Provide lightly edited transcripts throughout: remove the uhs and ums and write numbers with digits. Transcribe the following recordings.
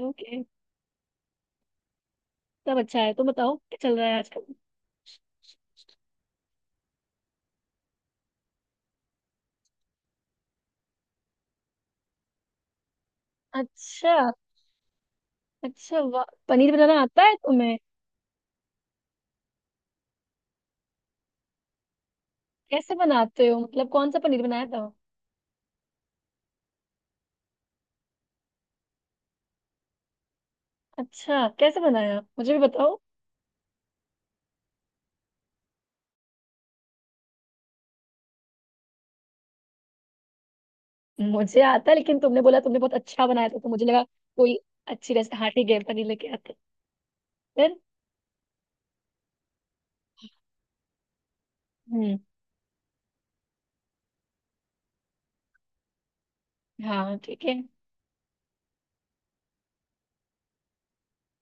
Okay. सब अच्छा है तो बताओ क्या चल रहा है आजकल। अच्छा। अच्छा, वाह, पनीर बनाना आता है तुम्हें। कैसे बनाते हो? मतलब कौन सा पनीर बनाया था? अच्छा, कैसे बनाया? मुझे भी बताओ। मुझे आता है, लेकिन तुमने बोला तुमने बहुत अच्छा बनाया था तो मुझे लगा कोई अच्छी रेसिपी। हाँ, ठीक है, पनीर लेके आते। फिर। हम्म। हाँ, ठीक है।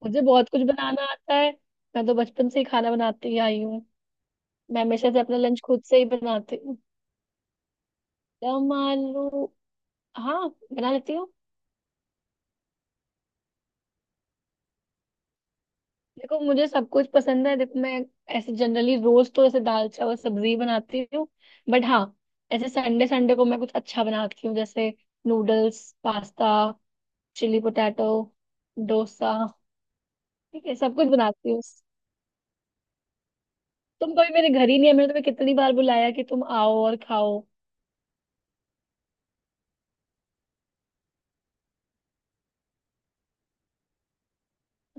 मुझे बहुत कुछ बनाना आता है। मैं तो बचपन से ही खाना बनाती ही आई हूँ। मैं हमेशा से अपना लंच खुद से ही बनाती हूँ। दम आलू? हाँ, बना लेती हूँ। देखो, मुझे सब कुछ पसंद है। देखो, मैं ऐसे जनरली रोज तो ऐसे दाल चावल सब्जी बनाती हूँ। बट हाँ, ऐसे संडे संडे को मैं कुछ अच्छा बनाती हूँ, जैसे noodles, pasta, chilli potato, dosa. ठीक है, सब कुछ बनाती हूँ। तुम कभी मेरे घर ही नहीं है। मैंने तुम्हें कितनी बार बुलाया कि तुम आओ और खाओ।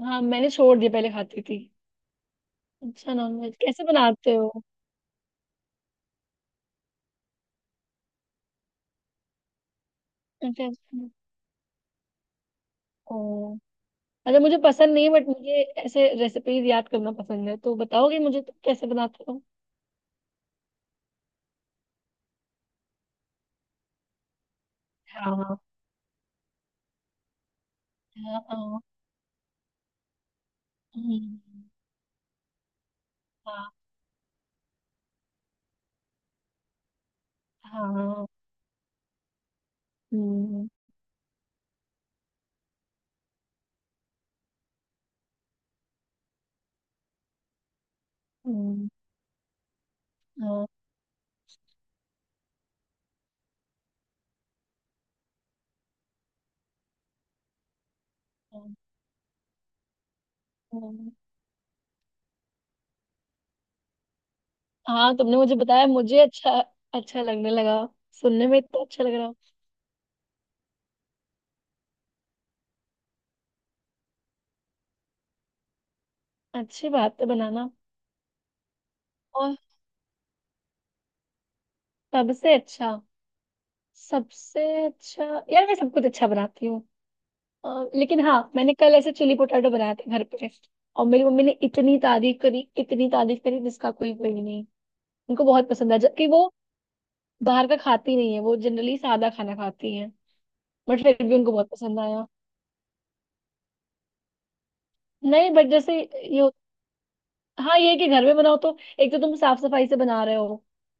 हाँ, मैंने छोड़ दिया, पहले खाती थी। अच्छा, नॉनवेज कैसे बनाते हो? अच्छा, अच्छा। ओ। अच्छा, मुझे पसंद नहीं है बट मुझे ऐसे रेसिपीज याद करना पसंद है। तो बताओगे मुझे तुम कैसे बनाते हो? 好的哦，嗯，好好，嗯嗯嗯嗯嗯हाँ। तुमने मुझे बताया, मुझे अच्छा अच्छा लगने लगा। सुनने में इतना अच्छा लग रहा। अच्छी बात है, बनाना। और सबसे अच्छा, सबसे अच्छा। यार, मैं सब कुछ अच्छा बनाती हूँ। अ, लेकिन हाँ, मैंने कल ऐसे चिली पोटैटो बनाए थे घर पे। और मेरी मम्मी ने इतनी तारीफ करी, इतनी तारीफ करी, जिसका कोई, कोई नहीं। उनको बहुत पसंद आया, जबकि वो बाहर का खाती नहीं है, वो जनरली सादा खाना खाती है। बट फिर भी उनको बहुत पसंद आया। नहीं, बट हाँ ये है कि घर में बनाओ तो एक तो तुम साफ सफाई से बना रहे हो।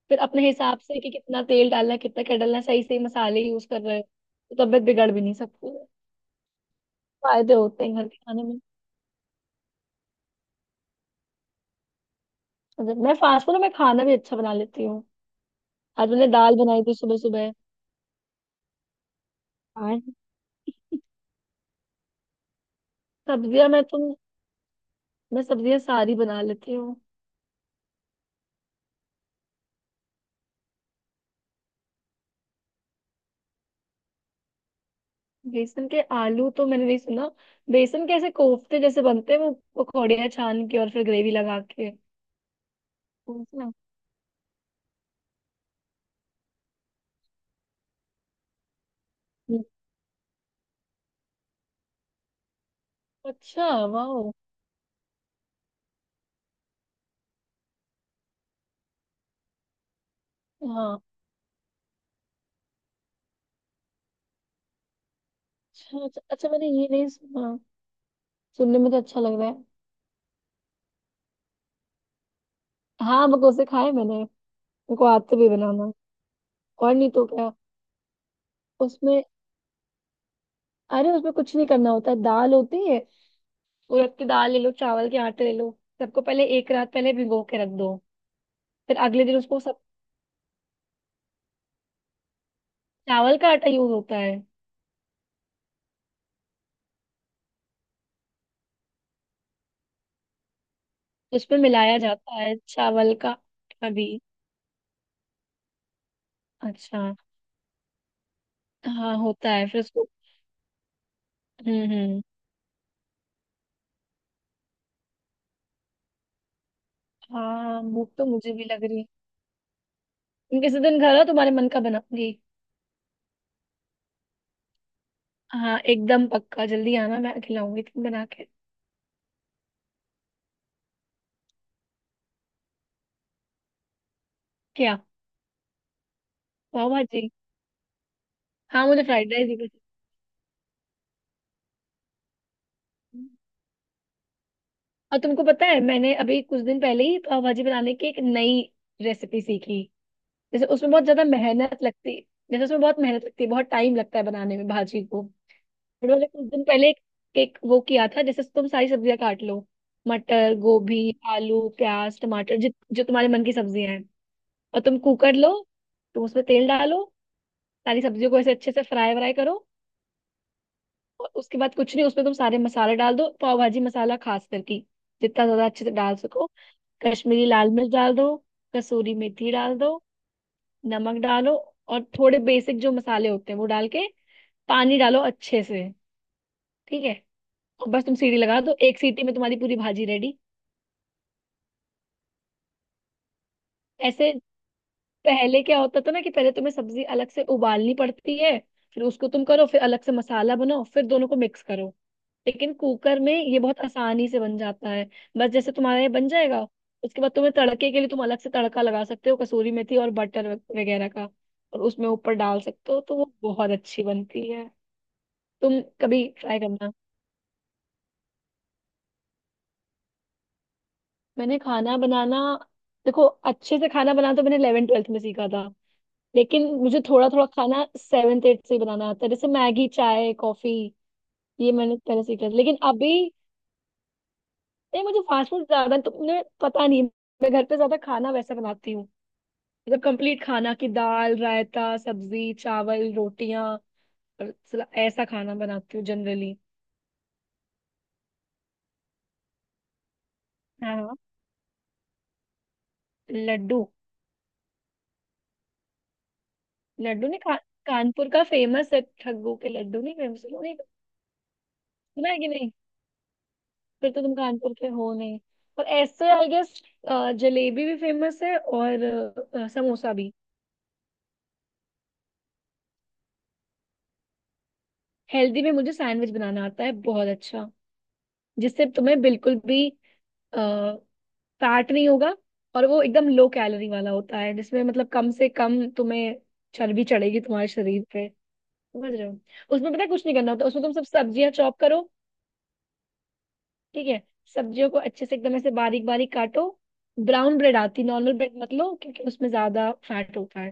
फिर अपने हिसाब से कि कितना तेल डालना है कितना क्या डालना है, सही सही मसाले यूज कर रहे हो। तो तबीयत बिगड़ भी नहीं सकती है। फायदे होते हैं घर के खाने में। मैं फास्ट फूड में खाना भी अच्छा बना लेती हूँ। आज मैंने दाल बनाई थी, सुबह सुबह। और सब्जियां, मैं सब्जियां सारी बना लेती हूँ। बेसन के आलू तो मैंने नहीं सुना। बेसन के ऐसे कोफ्ते जैसे बनते हैं वो, पकौड़ियाँ छान के और फिर ग्रेवी लगा के। अच्छा, वाओ। हाँ। अच्छा, अच्छा, अच्छा, मैंने ये नहीं सुना। सुनने में तो अच्छा लग रहा है। हाँ, मकोसे खाए, मैंने मेरे को आते भी बनाना। और नहीं तो क्या। उसमें अरे, उसमें कुछ नहीं करना होता है, दाल होती है। उड़द की दाल ले लो, चावल के आटे ले लो। सबको पहले, एक रात पहले भिगो के रख दो। फिर अगले दिन उसको सब, चावल का आटा यूज होता है। उसमें मिलाया जाता है चावल का आटा भी। अच्छा, हाँ होता है फिर उसको। हम्म, हम्म। हाँ, भूख तो मुझे भी लग रही है। तुम किसी दिन घर आओ, तुम्हारे मन का बनाऊंगी। हाँ, एकदम पक्का, जल्दी आना, मैं खिलाऊंगी तुम बना के। क्या? पाव भाजी। हाँ, मुझे फ्राइड राइस भी पसंद है। और तुमको पता है मैंने अभी कुछ दिन पहले ही पाव भाजी बनाने की एक नई रेसिपी सीखी। जैसे उसमें बहुत ज्यादा मेहनत लगती है। जैसे उसमें बहुत मेहनत लगती है, बहुत टाइम लगता है बनाने में भाजी को। फिर मैंने कुछ दिन पहले एक वो किया था, जैसे तुम सारी सब्जियां काट लो। मटर, गोभी, आलू, प्याज, टमाटर, जित जो तुम्हारे मन की सब्जियां हैं। और तुम कुकर लो, तुम उसमें तेल डालो। सारी सब्जियों को ऐसे अच्छे से फ्राई व्राई करो। और उसके बाद कुछ नहीं, उसमें तुम सारे मसाले डाल दो, पाव भाजी मसाला खास करके, जितना ज्यादा अच्छे से डाल सको। कश्मीरी लाल मिर्च डाल दो, कसूरी मेथी डाल दो, नमक डालो, और थोड़े बेसिक जो मसाले होते हैं वो डाल के पानी डालो अच्छे से। ठीक है। और बस तुम सीटी लगा दो, एक सीटी में तुम्हारी पूरी भाजी रेडी। ऐसे पहले क्या होता था ना कि पहले तुम्हें सब्जी अलग से उबालनी पड़ती है, फिर उसको तुम करो, फिर अलग से मसाला बनाओ, फिर दोनों को मिक्स करो। लेकिन कुकर में ये बहुत आसानी से बन जाता है। बस जैसे तुम्हारा ये बन जाएगा, उसके बाद तुम्हें तड़के के लिए तुम अलग से तड़का लगा सकते हो, कसूरी मेथी और बटर वगैरह का, और उसमें ऊपर डाल सकते हो, तो वो बहुत अच्छी बनती है। तुम कभी ट्राई करना। मैंने खाना बनाना देखो, अच्छे से खाना बनाना तो मैंने इलेवन ट्वेल्थ में सीखा था। लेकिन मुझे थोड़ा थोड़ा खाना सेवेंथ एट से ही बनाना आता है, जैसे मैगी, चाय, कॉफी। ये मैंने तरह से किया, लेकिन अभी नहीं। मुझे फास्ट फूड ज्यादा तो मुझे पता नहीं। मैं घर पे ज्यादा खाना वैसा बनाती हूँ, मतलब कंप्लीट खाना की दाल, रायता, सब्जी, चावल, रोटियां, और ऐसा खाना बनाती हूँ जनरली। हाँ, हाँ। लड्डू। लड्डू नहीं खा? कानपुर का फेमस है ठग्गू के लड्डू, नहीं फेमस, नहीं सुना है कि नहीं? फिर तो तुम कानपुर के हो नहीं, पर ऐसे आई गेस। जलेबी भी फेमस है, और समोसा भी। हेल्दी में मुझे सैंडविच बनाना आता है बहुत अच्छा, जिससे तुम्हें बिल्कुल भी फैट नहीं होगा। और वो एकदम लो कैलोरी वाला होता है, जिसमें मतलब कम से कम तुम्हें चर्बी चढ़ेगी तुम्हारे शरीर पे। समझ रहे हो? उसमें पता है, कुछ नहीं करना होता, उसमें तुम सब सब्जियां चॉप करो। ठीक है। सब्जियों को अच्छे से एकदम ऐसे बारीक बारीक काटो। ब्राउन ब्रेड आती, नॉर्मल ब्रेड मत लो क्योंकि उसमें ज्यादा फैट होता है,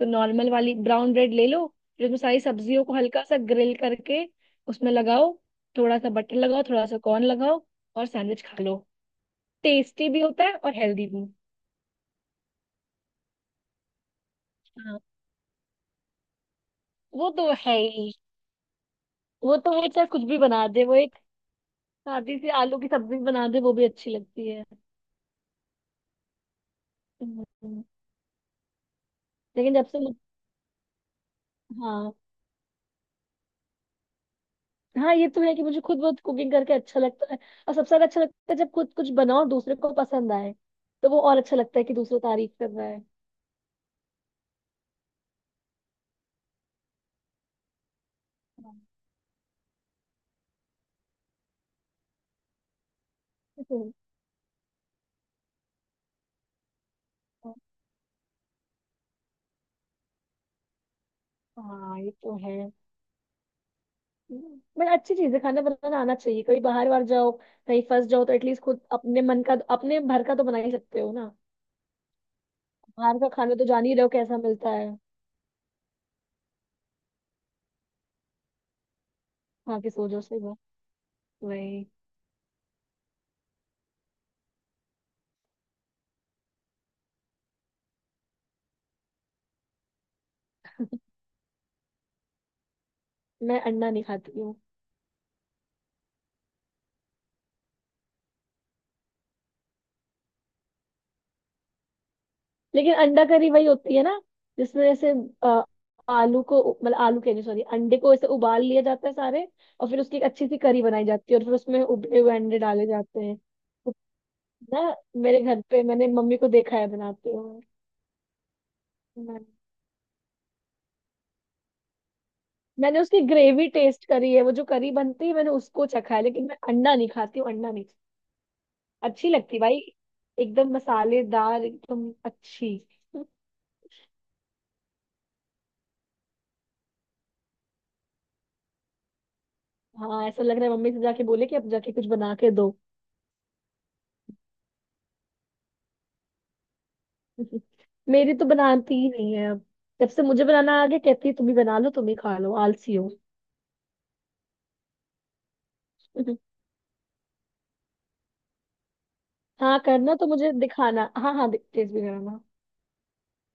तो नॉर्मल वाली ब्राउन ब्रेड ले लो। फिर उसमें सारी सब्जियों को हल्का सा ग्रिल करके उसमें लगाओ। थोड़ा सा बटर लगाओ, थोड़ा सा कॉर्न लगाओ, और सैंडविच खा लो। टेस्टी भी होता है और हेल्दी भी। हाँ, वो तो है ही। वो तो वो चाहे कुछ भी बना दे, वो एक सादी सी आलू की सब्जी बना दे वो भी अच्छी लगती है। हम्म, लेकिन जब से मुझे। हाँ, हाँ, ये तो है कि मुझे खुद बहुत कुकिंग करके अच्छा लगता है। और सबसे ज्यादा अच्छा लगता है जब खुद कुछ बनाओ और दूसरे को पसंद आए, तो वो और अच्छा लगता है कि दूसरा तारीफ कर रहा है। हाँ, ये तो- है। हाँ, ये तो है, बट अच्छी चीज है, खाना बनाना आना चाहिए। कभी बाहर बाहर जाओ, कहीं फंस जाओ तो एटलीस्ट खुद अपने मन का, अपने भर का तो बना ही सकते हो ना। बाहर का खाना तो जान ही रहे हो कैसा मिलता है, वहां के सोचो से। वही। मैं अंडा नहीं खाती। लेकिन अंडा करी वही होती है ना, जिसमें जैसे अ, आलू को, मतलब आलू कह रही, सॉरी, अंडे को ऐसे उबाल लिया जाता है सारे। और फिर उसकी एक अच्छी सी करी बनाई जाती है और फिर उसमें उबले हुए अंडे डाले जाते हैं। तो ना, मेरे घर पे मैंने मम्मी को देखा है बनाते हुए। मैं- मैंने उसकी ग्रेवी टेस्ट करी है, वो जो करी बनती है मैंने उसको चखा है, लेकिन मैं अंडा नहीं खाती हूँ, अंडा नहीं। अच्छी लगती भाई, एकदम मसालेदार, एकदम अच्छी। हाँ, ऐसा लग रहा है मम्मी से जाके बोले कि अब जाके कुछ बना के दो। मेरी तो बनाती ही नहीं है अब, जब से मुझे बनाना आ गया कहती है तुम ही बना लो, तुम ही खा लो, आलसी हो। हाँ, करना तो, मुझे दिखाना, हाँ हाँ, टेस्ट भी कराना।